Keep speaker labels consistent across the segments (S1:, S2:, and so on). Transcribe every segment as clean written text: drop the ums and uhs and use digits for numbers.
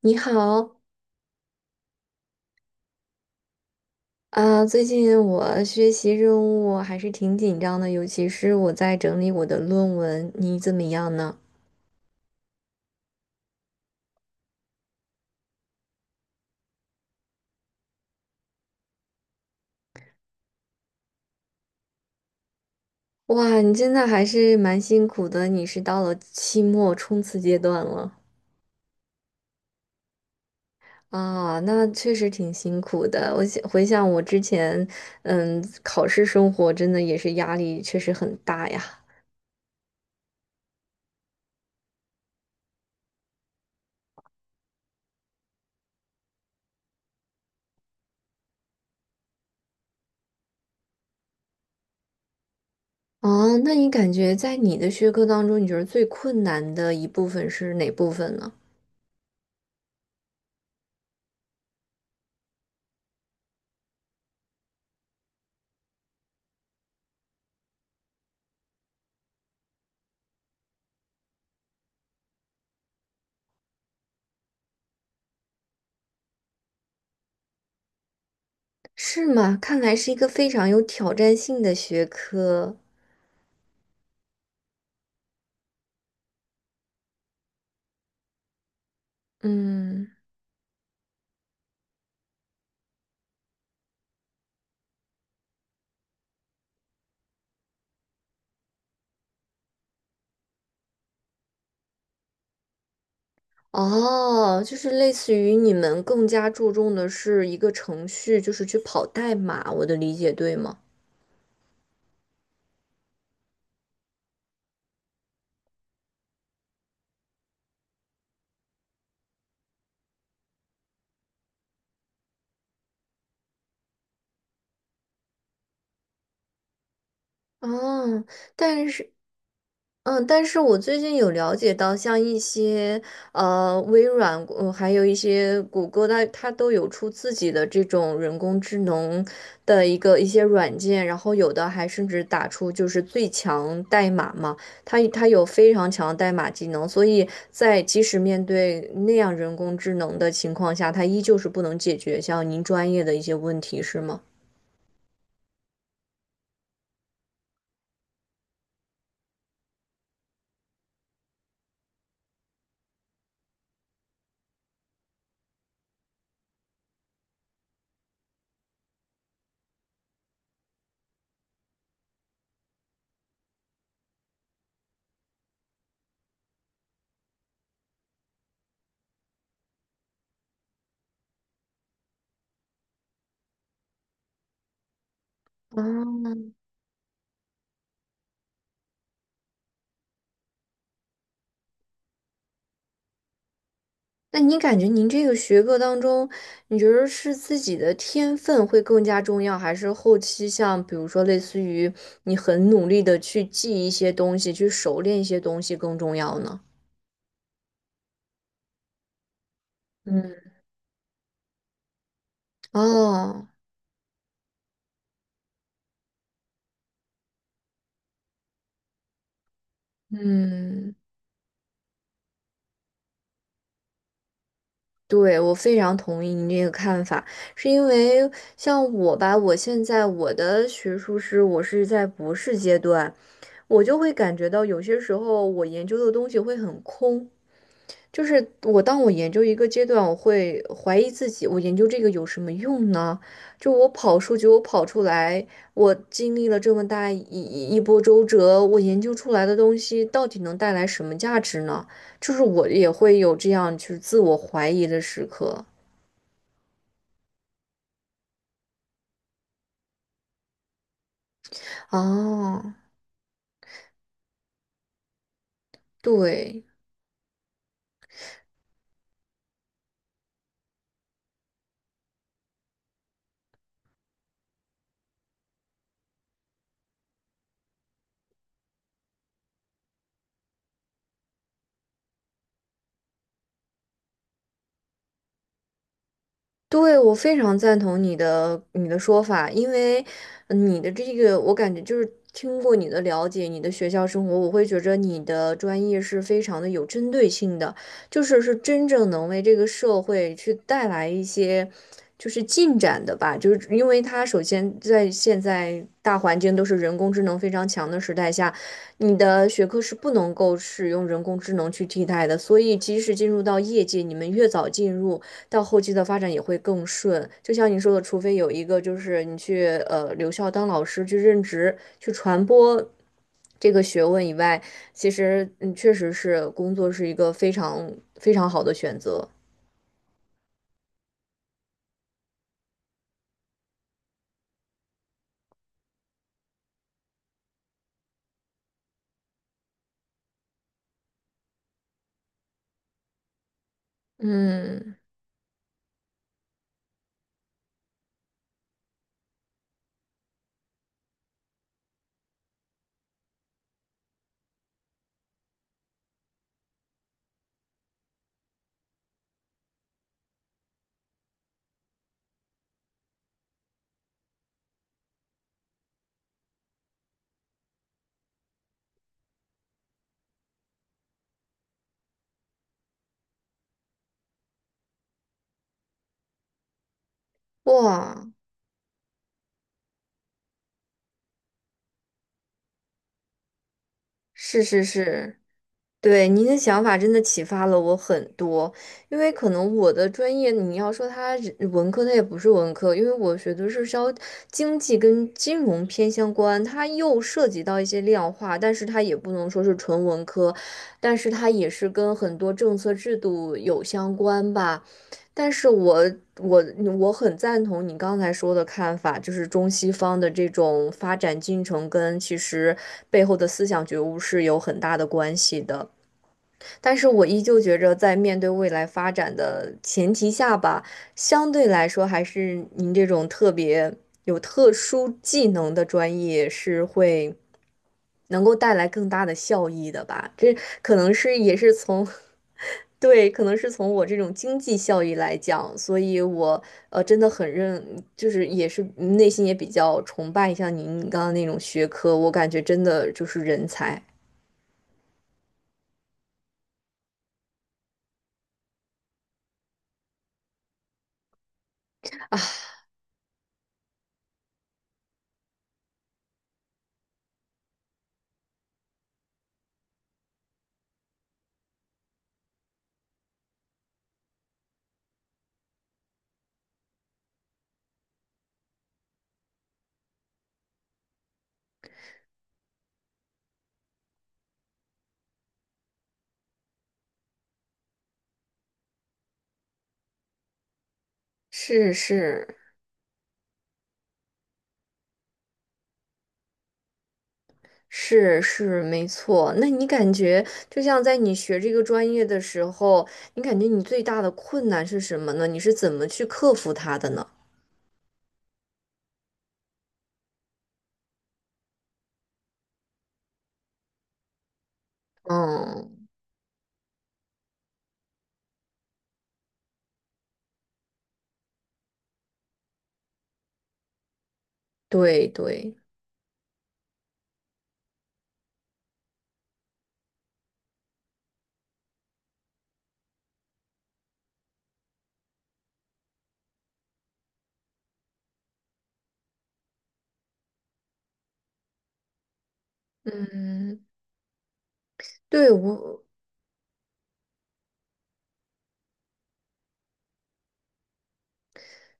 S1: 你好。最近我学习任务还是挺紧张的，尤其是我在整理我的论文。你怎么样呢？哇，你真的还是蛮辛苦的，你是到了期末冲刺阶段了。那确实挺辛苦的。我想回想我之前，考试生活真的也是压力确实很大呀。哦，那你感觉在你的学科当中，你觉得最困难的一部分是哪部分呢？是吗？看来是一个非常有挑战性的学科。嗯。哦，就是类似于你们更加注重的是一个程序，就是去跑代码，我的理解对吗？哦，但是嗯，但是我最近有了解到，像一些微软，还有一些谷歌，它都有出自己的这种人工智能的一个一些软件，然后有的还甚至打出就是最强代码嘛，它有非常强的代码技能，所以在即使面对那样人工智能的情况下，它依旧是不能解决像您专业的一些问题，是吗？哦，那您感觉您这个学科当中，你觉得是自己的天分会更加重要，还是后期像比如说类似于你很努力的去记一些东西，去熟练一些东西更重要呢？嗯。哦。嗯，对，我非常同意您这个看法，是因为像我吧，我现在我的学术是我是在博士阶段，我就会感觉到有些时候我研究的东西会很空，就是我，当我研究一个阶段，我会怀疑自己，我研究这个有什么用呢？就我跑数据，我跑出来，我经历了这么大一波周折，我研究出来的东西到底能带来什么价值呢？就是我也会有这样就是自我怀疑的时刻。哦，对。对，我非常赞同你的说法，因为你的这个，我感觉就是听过你的了解，你的学校生活，我会觉着你的专业是非常的有针对性的，就是是真正能为这个社会去带来一些就是进展的吧，就是因为它首先在现在大环境都是人工智能非常强的时代下，你的学科是不能够使用人工智能去替代的，所以即使进入到业界，你们越早进入。到后期的发展也会更顺。就像你说的，除非有一个就是你去留校当老师去任职去传播这个学问以外，其实确实是工作是一个非常非常好的选择。嗯。哇，是是是。对，您的想法真的启发了我很多，因为可能我的专业，你要说它是文科，它也不是文科，因为我学的是稍经济跟金融偏相关，它又涉及到一些量化，但是它也不能说是纯文科，但是它也是跟很多政策制度有相关吧。但是我我很赞同你刚才说的看法，就是中西方的这种发展进程跟其实背后的思想觉悟是有很大的关系的。但是我依旧觉着，在面对未来发展的前提下吧，相对来说，还是您这种特别有特殊技能的专业是会能够带来更大的效益的吧？这可能是也是从 对，可能是从我这种经济效益来讲，所以我真的很认，就是也是内心也比较崇拜像您刚刚那种学科，我感觉真的就是人才。是是。是是没错，那你感觉就像在你学这个专业的时候，你感觉你最大的困难是什么呢？你是怎么去克服它的呢？嗯，对对。嗯，对我。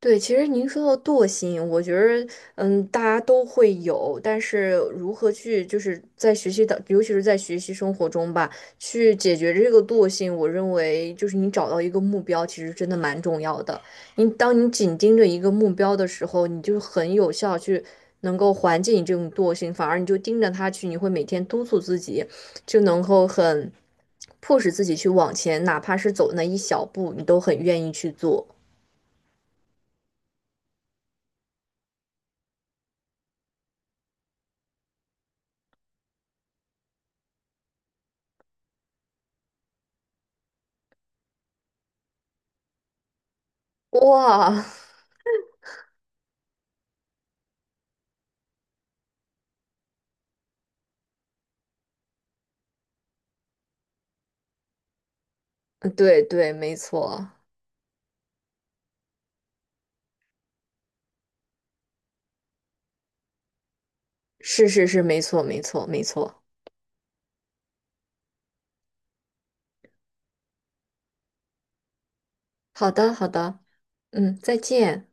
S1: 对，其实您说到惰性，我觉得，大家都会有，但是如何去，就是在学习的，尤其是在学习生活中吧，去解决这个惰性，我认为就是你找到一个目标，其实真的蛮重要的。你当你紧盯着一个目标的时候，你就很有效去能够缓解你这种惰性，反而你就盯着它去，你会每天督促自己，就能够很迫使自己去往前，哪怕是走那一小步，你都很愿意去做。哇！嗯，对对，没错。是是是，没错没错没错。好的好的。嗯，再见。